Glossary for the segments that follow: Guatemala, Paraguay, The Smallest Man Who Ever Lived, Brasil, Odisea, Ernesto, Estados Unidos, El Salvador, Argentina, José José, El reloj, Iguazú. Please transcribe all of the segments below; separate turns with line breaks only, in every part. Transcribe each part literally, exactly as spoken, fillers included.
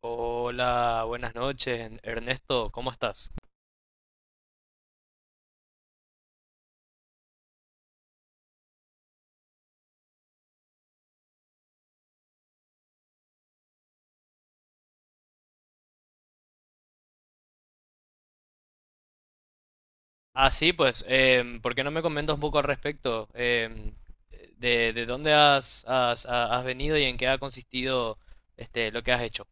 Hola, buenas noches, Ernesto, ¿cómo estás? Ah, sí, pues, em, ¿por qué no me comentas un poco al respecto? Em, de, de dónde has, has- ha- has venido y en qué ha consistido este, ¿lo que has hecho?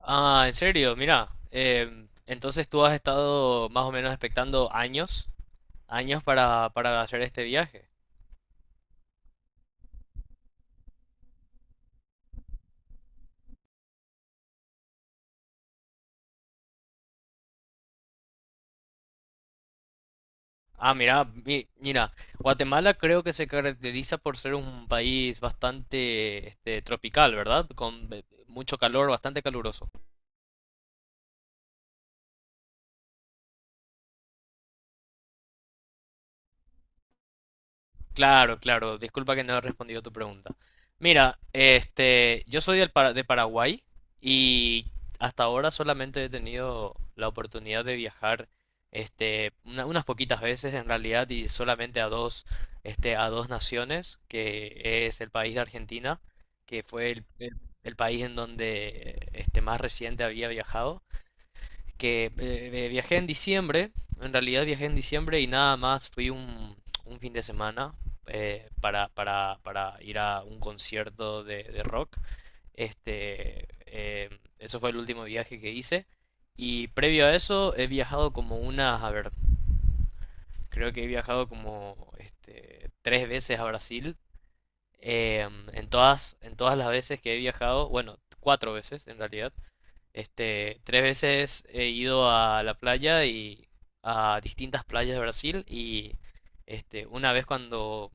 Ah, en serio, mira, em, entonces tú has estado más o menos expectando años, años para, para hacer este viaje. Ah, mira, mi- mira, Guatemala creo que se caracteriza por ser un país bastante este, tropical, ¿verdad? Con eh, mucho calor, bastante caluroso. Claro, claro, disculpa que no he respondido tu pregunta. Mira, este, yo soy del Para- de Paraguay y hasta ahora solamente he tenido la oportunidad de viajar, este, una- unas poquitas veces en realidad y solamente a dos, este, a dos naciones, que es el país de Argentina, que fue el, el- el país en donde, este, más reciente había viajado, que eh, viajé en diciembre, en realidad viajé en diciembre y nada más fui un, un fin de semana eh, para, para, para ir a un concierto de, de rock. Este, eh, eso fue el último viaje que hice. Y previo a eso he viajado como unas, a ver, creo que he viajado como este, tres veces a Brasil. Eh, en todas, en todas las veces que he viajado, bueno, cuatro veces en realidad, este, tres veces he ido a la playa y a distintas playas de Brasil y este, una vez cuando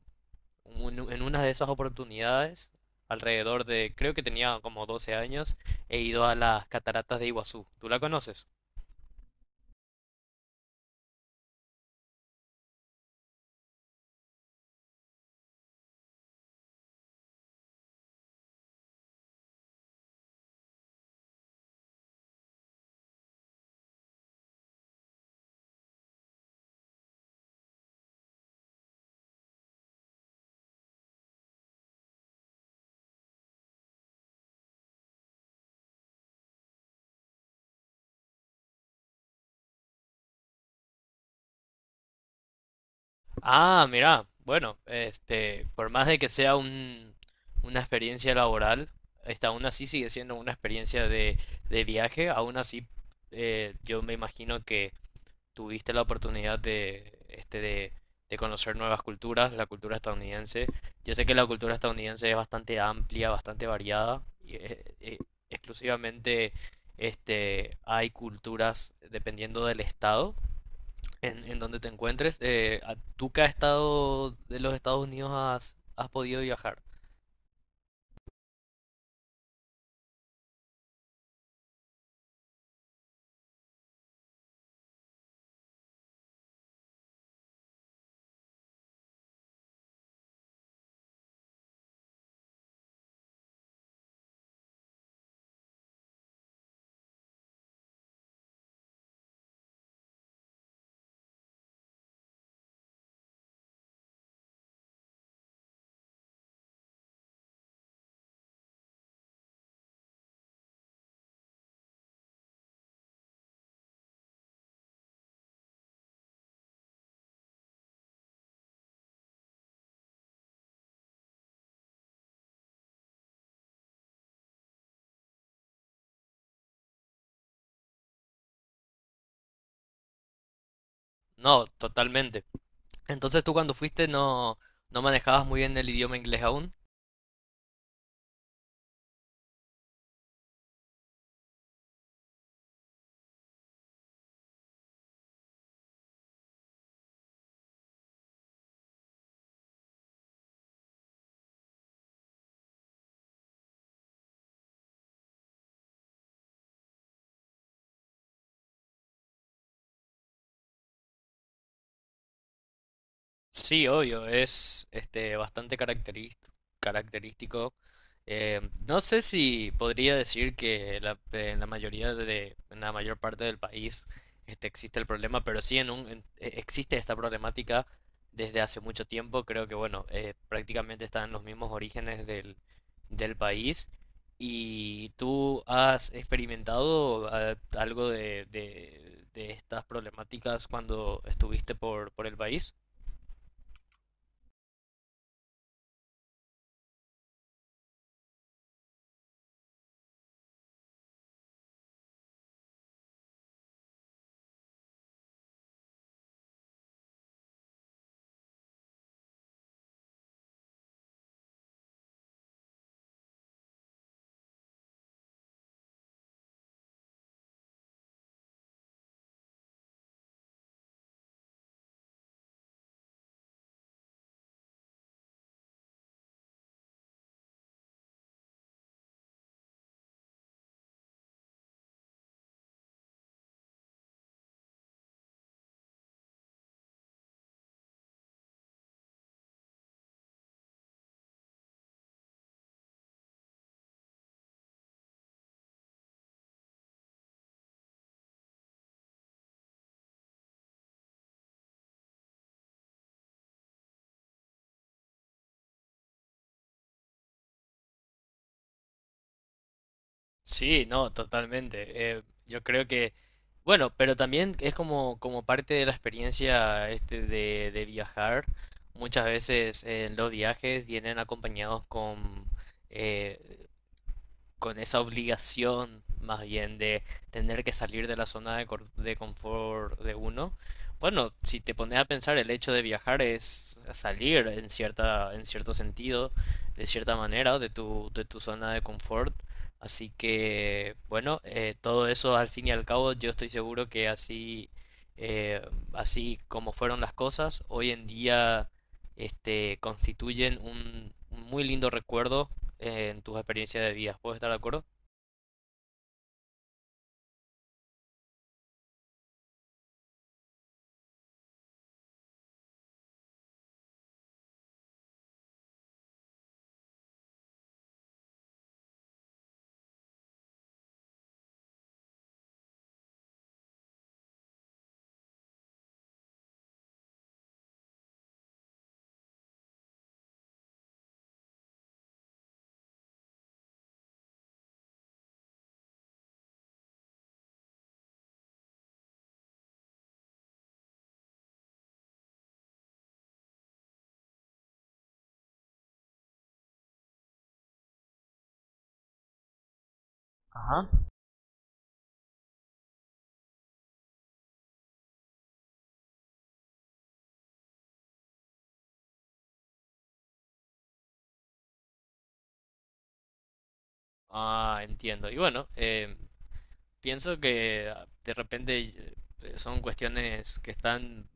un- en una de esas oportunidades, alrededor de, creo que tenía como doce años, he ido a las cataratas de Iguazú. ¿Tú la conoces? Ah, mira, bueno, este, por más de que sea un, una experiencia laboral, esta aún así sigue siendo una experiencia de, de viaje, aún así eh, yo me imagino que tuviste la oportunidad de, este, de, de conocer nuevas culturas, la cultura estadounidense. Yo sé que la cultura estadounidense es bastante amplia, bastante variada, y eh, eh, exclusivamente este, hay culturas dependiendo del estado en, en donde te encuentres. Eh, ¿a- ¿tú qué estado de los Estados Unidos has, has podido viajar? No, totalmente. Entonces tú cuando fuiste no, no manejabas muy bien el idioma inglés aún. Sí, obvio, es este bastante caracteris- característico. Eh, no sé si podría decir que la- en la mayoría de, en la mayor parte del país este, existe el problema, pero sí en un, en- e- existe esta problemática desde hace mucho tiempo. Creo que bueno, eh, prácticamente están en los mismos orígenes del, del país. ¿Y tú has experimentado eh, algo de, de, de estas problemáticas cuando estuviste por, por el país? Sí, no, totalmente. Eh, yo creo que, bueno, pero también es como, como parte de la experiencia este de, de viajar. Muchas veces eh, los viajes vienen acompañados con, eh, con esa obligación más bien de tener que salir de la zona de, cor- de confort de uno. Bueno, si te pones a pensar, el hecho de viajar es salir en cierta, en cierto sentido, de cierta manera, de tu, de tu zona de confort. Así que, bueno, eh, todo eso al fin y al cabo, yo estoy seguro que así, eh, así como fueron las cosas, hoy en día, este, constituyen un, un muy lindo recuerdo en tus experiencias de vida. ¿Puedo estar de acuerdo? Ajá. Ah, entiendo. Y bueno, eh, pienso que de repente eh, son cuestiones que están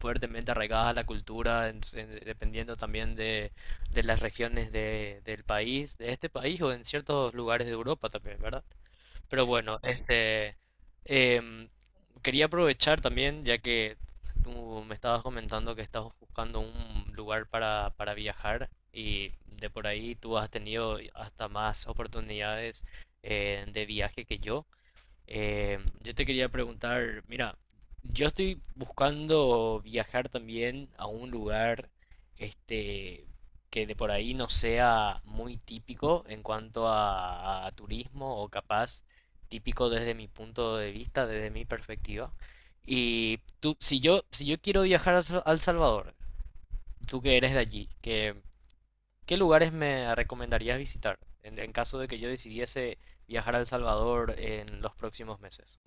fuertemente arraigadas a la cultura, en- en- dependiendo también de, de las regiones de- del país, de este país o en ciertos lugares de Europa también, ¿verdad? Pero bueno, este, em, quería aprovechar también, ya que tú me estabas comentando que estabas buscando un lugar para, para viajar y de por ahí tú has tenido hasta más oportunidades eh, de viaje que yo. Eh, yo te quería preguntar, mira, yo estoy buscando viajar también a un lugar, este, que de por ahí no sea muy típico en cuanto a, a turismo o capaz típico desde mi punto de vista, desde mi perspectiva. Y tú, si yo, si yo quiero viajar a Sa- al Salvador, tú que eres de allí, que- qué lugares me recomendarías visitar en, en caso de que yo decidiese viajar a El Salvador en los próximos meses?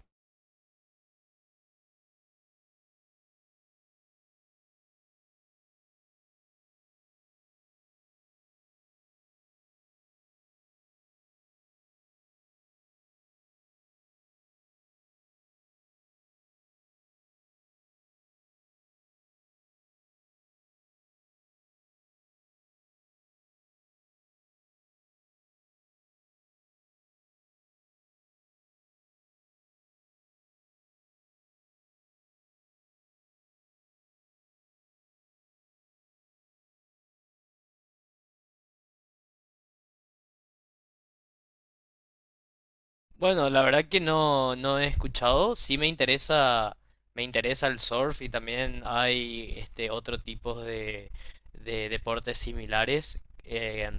Bueno, la verdad que no, no he escuchado. Sí me interesa, me interesa el surf y también hay este otro tipo de, de deportes similares eh,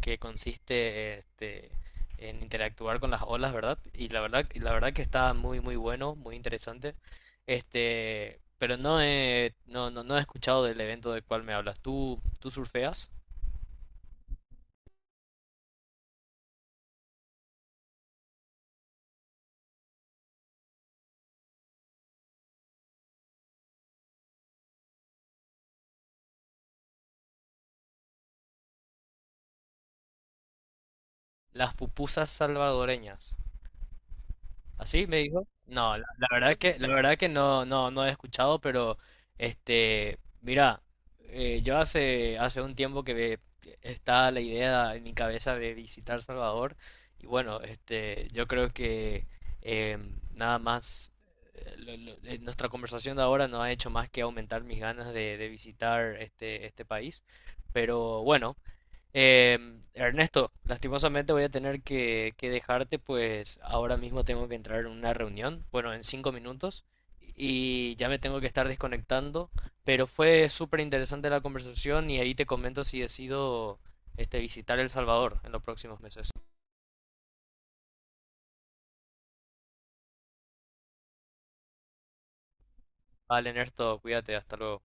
que consiste este, en interactuar con las olas, ¿verdad? Y la verdad, y la verdad que está muy muy bueno, muy interesante. Este, pero no he, no, no, no he escuchado del evento del cual me hablas. ¿Tú, tú surfeas? Las pupusas salvadoreñas. ¿Así me dijo? No, la, la verdad que la verdad que no no no he escuchado, pero este, mira, eh, yo hace hace un tiempo que ve- está la idea en mi cabeza de visitar Salvador y bueno, este, yo creo que em, nada más eh, lo- lo- eh, nuestra conversación de ahora no ha hecho más que aumentar mis ganas de, de visitar este este país, pero bueno. Em, Ernesto, lastimosamente voy a tener que, que dejarte, pues ahora mismo tengo que entrar en una reunión, bueno, en cinco minutos, y ya me tengo que estar desconectando, pero fue súper interesante la conversación y ahí te comento si decido este, visitar El Salvador en los próximos meses. Vale, Ernesto, cuídate, hasta luego.